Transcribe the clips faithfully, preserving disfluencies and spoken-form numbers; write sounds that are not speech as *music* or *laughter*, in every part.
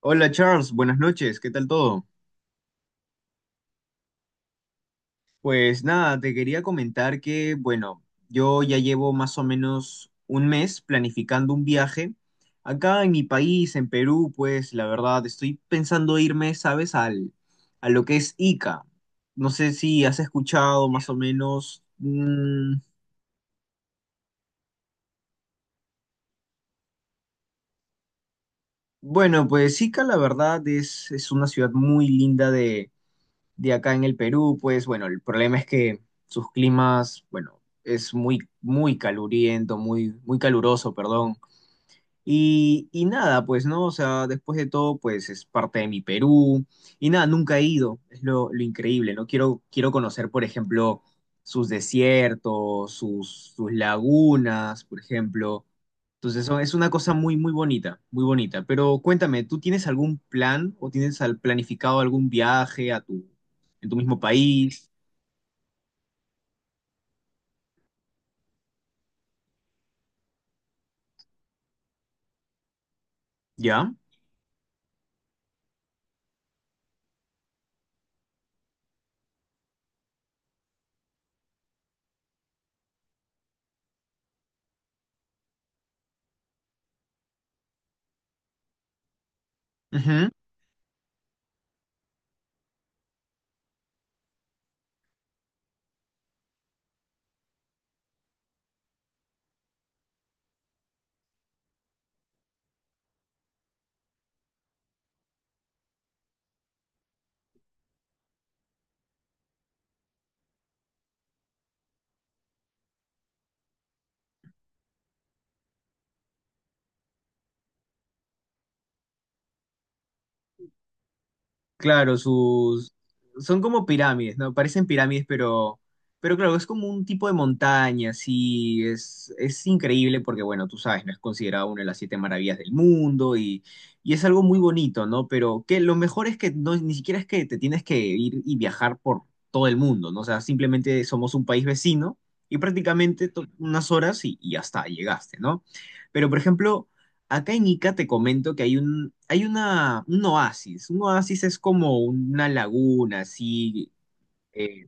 Hola Charles, buenas noches, ¿qué tal todo? Pues nada, te quería comentar que, bueno, yo ya llevo más o menos un mes planificando un viaje. Acá en mi país, en Perú, pues la verdad, estoy pensando irme, ¿sabes? Al, a lo que es Ica. No sé si has escuchado más o menos. mm, bueno, pues Ica, la verdad, es, es una ciudad muy linda de acá en el Perú, pues bueno, el problema es que sus climas, bueno, es muy, muy caluriento, muy, muy caluroso, perdón. Y, y nada, pues, ¿no? O sea, después de todo, pues es parte de mi Perú. Y nada, nunca he ido, es lo, lo increíble, ¿no? Quiero, quiero conocer, por ejemplo, sus desiertos, sus, sus lagunas, por ejemplo. Entonces, eso es una cosa muy, muy bonita, muy bonita. Pero cuéntame, ¿tú tienes algún plan o tienes al- planificado algún viaje a tu, en tu mismo país? ¿Ya? Ujú. Claro, sus son como pirámides, ¿no? Parecen pirámides, pero pero claro, es como un tipo de montaña, sí, es es increíble porque bueno, tú sabes, no es considerado una de las siete maravillas del mundo y y es algo muy bonito, ¿no? Pero que lo mejor es que no ni siquiera es que te tienes que ir y viajar por todo el mundo, ¿no? O sea, simplemente somos un país vecino y prácticamente to- unas horas y, y hasta llegaste, ¿no? Pero por ejemplo, acá en Ica te comento que hay un, hay una, un oasis. Un oasis es como una laguna, así, eh,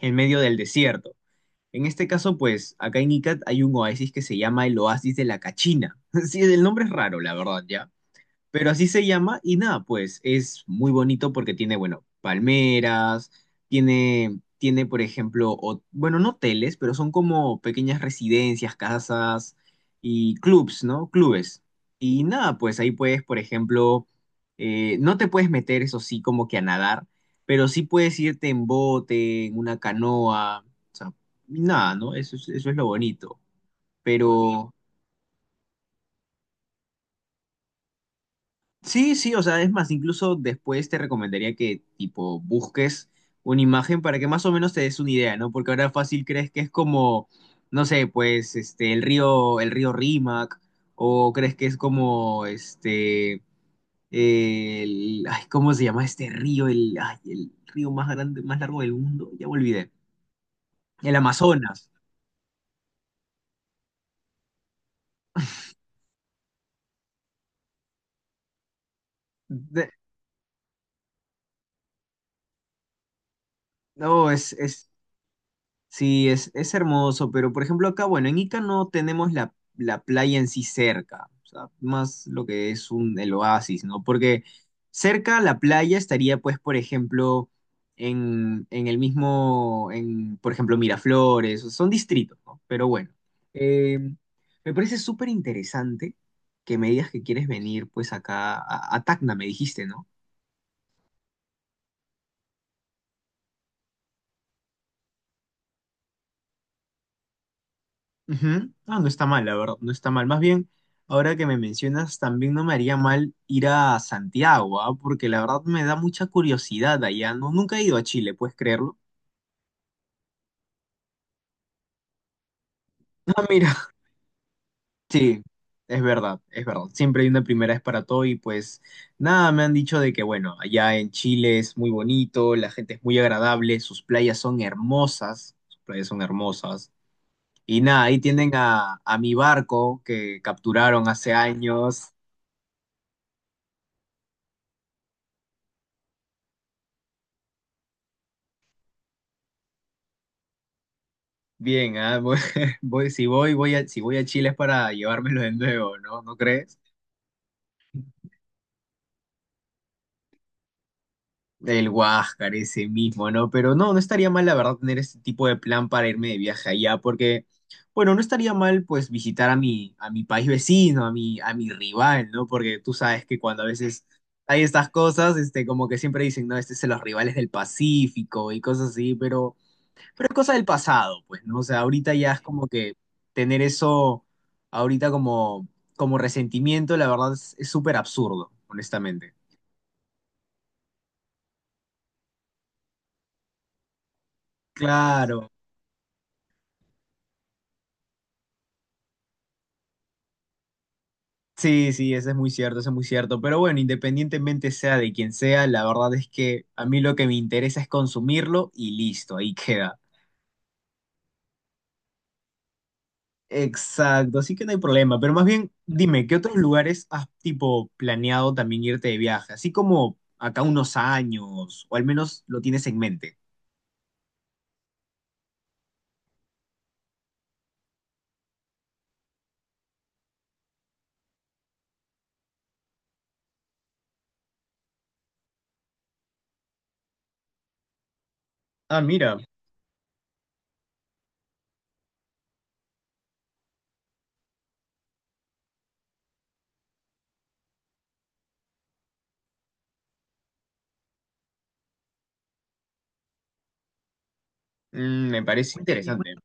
en medio del desierto. En este caso, pues, acá en Ica hay un oasis que se llama el Oasis de la Cachina. *laughs* Sí, el nombre es raro, la verdad, ya. Pero así se llama y nada, pues es muy bonito porque tiene, bueno, palmeras, tiene, tiene, por ejemplo, hot- bueno, no hoteles, pero son como pequeñas residencias, casas y clubs, ¿no? Clubes. Y nada, pues ahí puedes, por ejemplo, eh, no te puedes meter, eso sí, como que a nadar, pero sí puedes irte en bote, en una canoa, o sea, y nada, ¿no? Eso es, eso es lo bonito. Ah, pero... Sí, sí, o sea, es más, incluso después te recomendaría que tipo busques una imagen para que más o menos te des una idea, ¿no? Porque ahora fácil crees que es como, no sé, pues este el río, el río Rímac, o crees que es como este el, ay, ¿cómo se llama este río? El, ay, el río más grande, más largo del mundo, ya me olvidé. El Amazonas. De- no, es, es sí, es, es hermoso, pero por ejemplo acá, bueno, en Ica no tenemos la, la playa en sí cerca, o sea, más lo que es un, el oasis, ¿no? Porque cerca a la playa estaría, pues, por ejemplo, en, en el mismo, en, por ejemplo, Miraflores, son distritos, ¿no? Pero bueno, eh, me parece súper interesante que me digas que quieres venir, pues, acá a, a Tacna, me dijiste, ¿no? Ujú. Ah, no está mal, la verdad, no está mal. Más bien, ahora que me mencionas, también no me haría mal ir a Santiago, ¿ah? Porque la verdad me da mucha curiosidad allá. No, nunca he ido a Chile, ¿puedes creerlo? *laughs* Ah, mira, sí, es verdad, es verdad. Siempre hay una primera vez para todo y pues nada, me han dicho de que bueno, allá en Chile es muy bonito, la gente es muy agradable, sus playas son hermosas, sus playas son hermosas. Y nada, ahí tienen a, a mi barco que capturaron hace años. Bien, ah, voy- *laughs* voy- si voy, voy a, si voy a Chile es para llevármelo de nuevo, ¿no? ¿No crees? El Huáscar, ese mismo, ¿no? Pero no, no estaría mal, la verdad, tener este tipo de plan para irme de viaje allá, porque, bueno, no estaría mal, pues, visitar a mi, a mi país vecino, a mi, a mi rival, ¿no? Porque tú sabes que cuando a veces hay estas cosas, este, como que siempre dicen, no, este es de los rivales del Pacífico y cosas así, pero... Pero es cosa del pasado, pues, ¿no? O sea, ahorita ya es como que tener eso ahorita como, como resentimiento, la verdad es es súper absurdo, honestamente. Claro. Sí, sí, eso es muy cierto, eso es muy cierto. Pero bueno, independientemente sea de quien sea, la verdad es que a mí lo que me interesa es consumirlo y listo, ahí queda. Exacto, así que no hay problema. Pero más bien, dime, ¿qué otros lugares has tipo planeado también irte de viaje? Así como acá unos años, o al menos lo tienes en mente. Ah, mira. Mm, me parece interesante.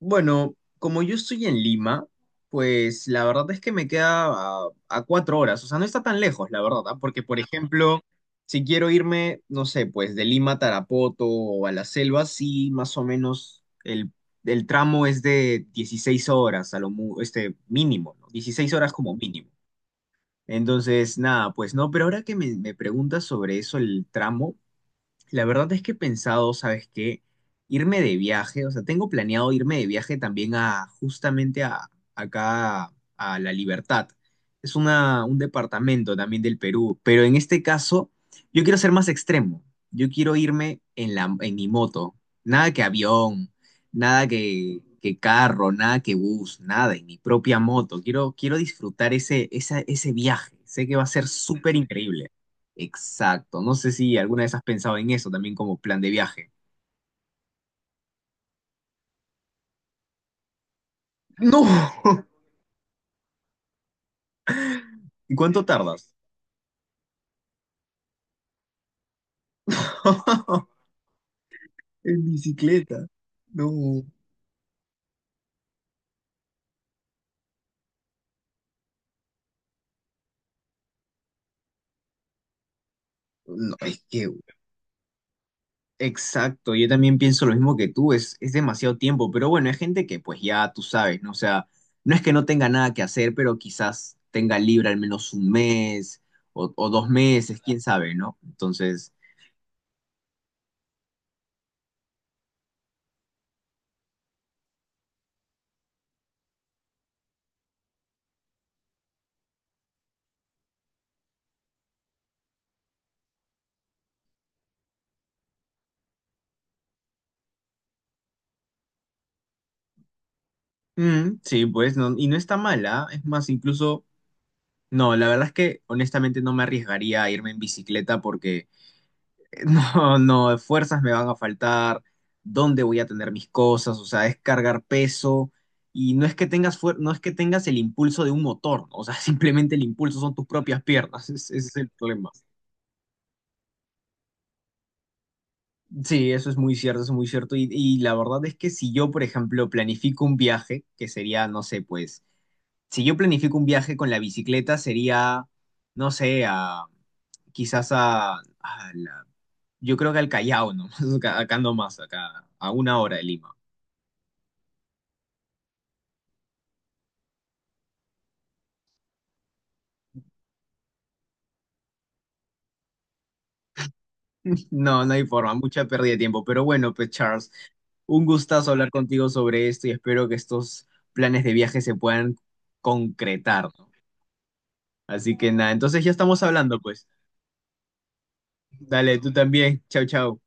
Bueno, como yo estoy en Lima, pues la verdad es que me queda a, a cuatro horas. O sea, no está tan lejos, la verdad, ¿ah? Porque, por ejemplo, si quiero irme, no sé, pues de Lima a Tarapoto o a la selva, sí, más o menos el, el tramo es de dieciséis horas, a lo mu- este mínimo, ¿no? dieciséis horas como mínimo. Entonces, nada, pues no, pero ahora que me, me preguntas sobre eso, el tramo, la verdad es que he pensado, ¿sabes qué? Irme de viaje, o sea, tengo planeado irme de viaje también a justamente a acá a La Libertad. Es una, un departamento también del Perú, pero en este caso yo quiero ser más extremo. Yo quiero irme en la, en mi moto. Nada que avión, nada que, que carro, nada que bus, nada, en mi propia moto. Quiero, quiero disfrutar ese, esa- ese viaje. Sé que va a ser súper increíble. Exacto. No sé si alguna vez has pensado en eso también como plan de viaje. No, *laughs* ¿y cuánto tardas? *laughs* en bicicleta. No. No, es que, exacto, yo también pienso lo mismo que tú, es, es demasiado tiempo, pero bueno, hay gente que pues ya tú sabes, ¿no? O sea, no es que no tenga nada que hacer, pero quizás tenga libre al menos un mes o, o dos meses, quién sabe, ¿no? Entonces, mm, sí, pues, no, y no está mala, es más, incluso... No, la verdad es que honestamente no me arriesgaría a irme en bicicleta porque eh, *laughs* no, no, fuerzas me van a faltar, dónde voy a tener mis cosas, o sea, es cargar peso y no es que tengas fuer- no es que tengas el impulso de un motor, ¿no? O sea, *laughs* simplemente el impulso son tus propias piernas, es- ese es el problema. Sí, eso es muy cierto, eso es muy cierto y, y la verdad es que si yo, por ejemplo, planifico un viaje, que sería, no sé, pues si yo planifico un viaje con la bicicleta, sería, no sé, a, quizás a, a la- yo creo que al Callao, ¿no? *laughs* Acá, acá nomás, acá, a una hora de Lima. *laughs* No, no hay forma, mucha pérdida de tiempo. Pero bueno, pues Charles, un gustazo hablar contigo sobre esto y espero que estos planes de viaje se puedan concretar, ¿no? Así que nada, entonces ya estamos hablando, pues. Dale, tú también. Chau, chau.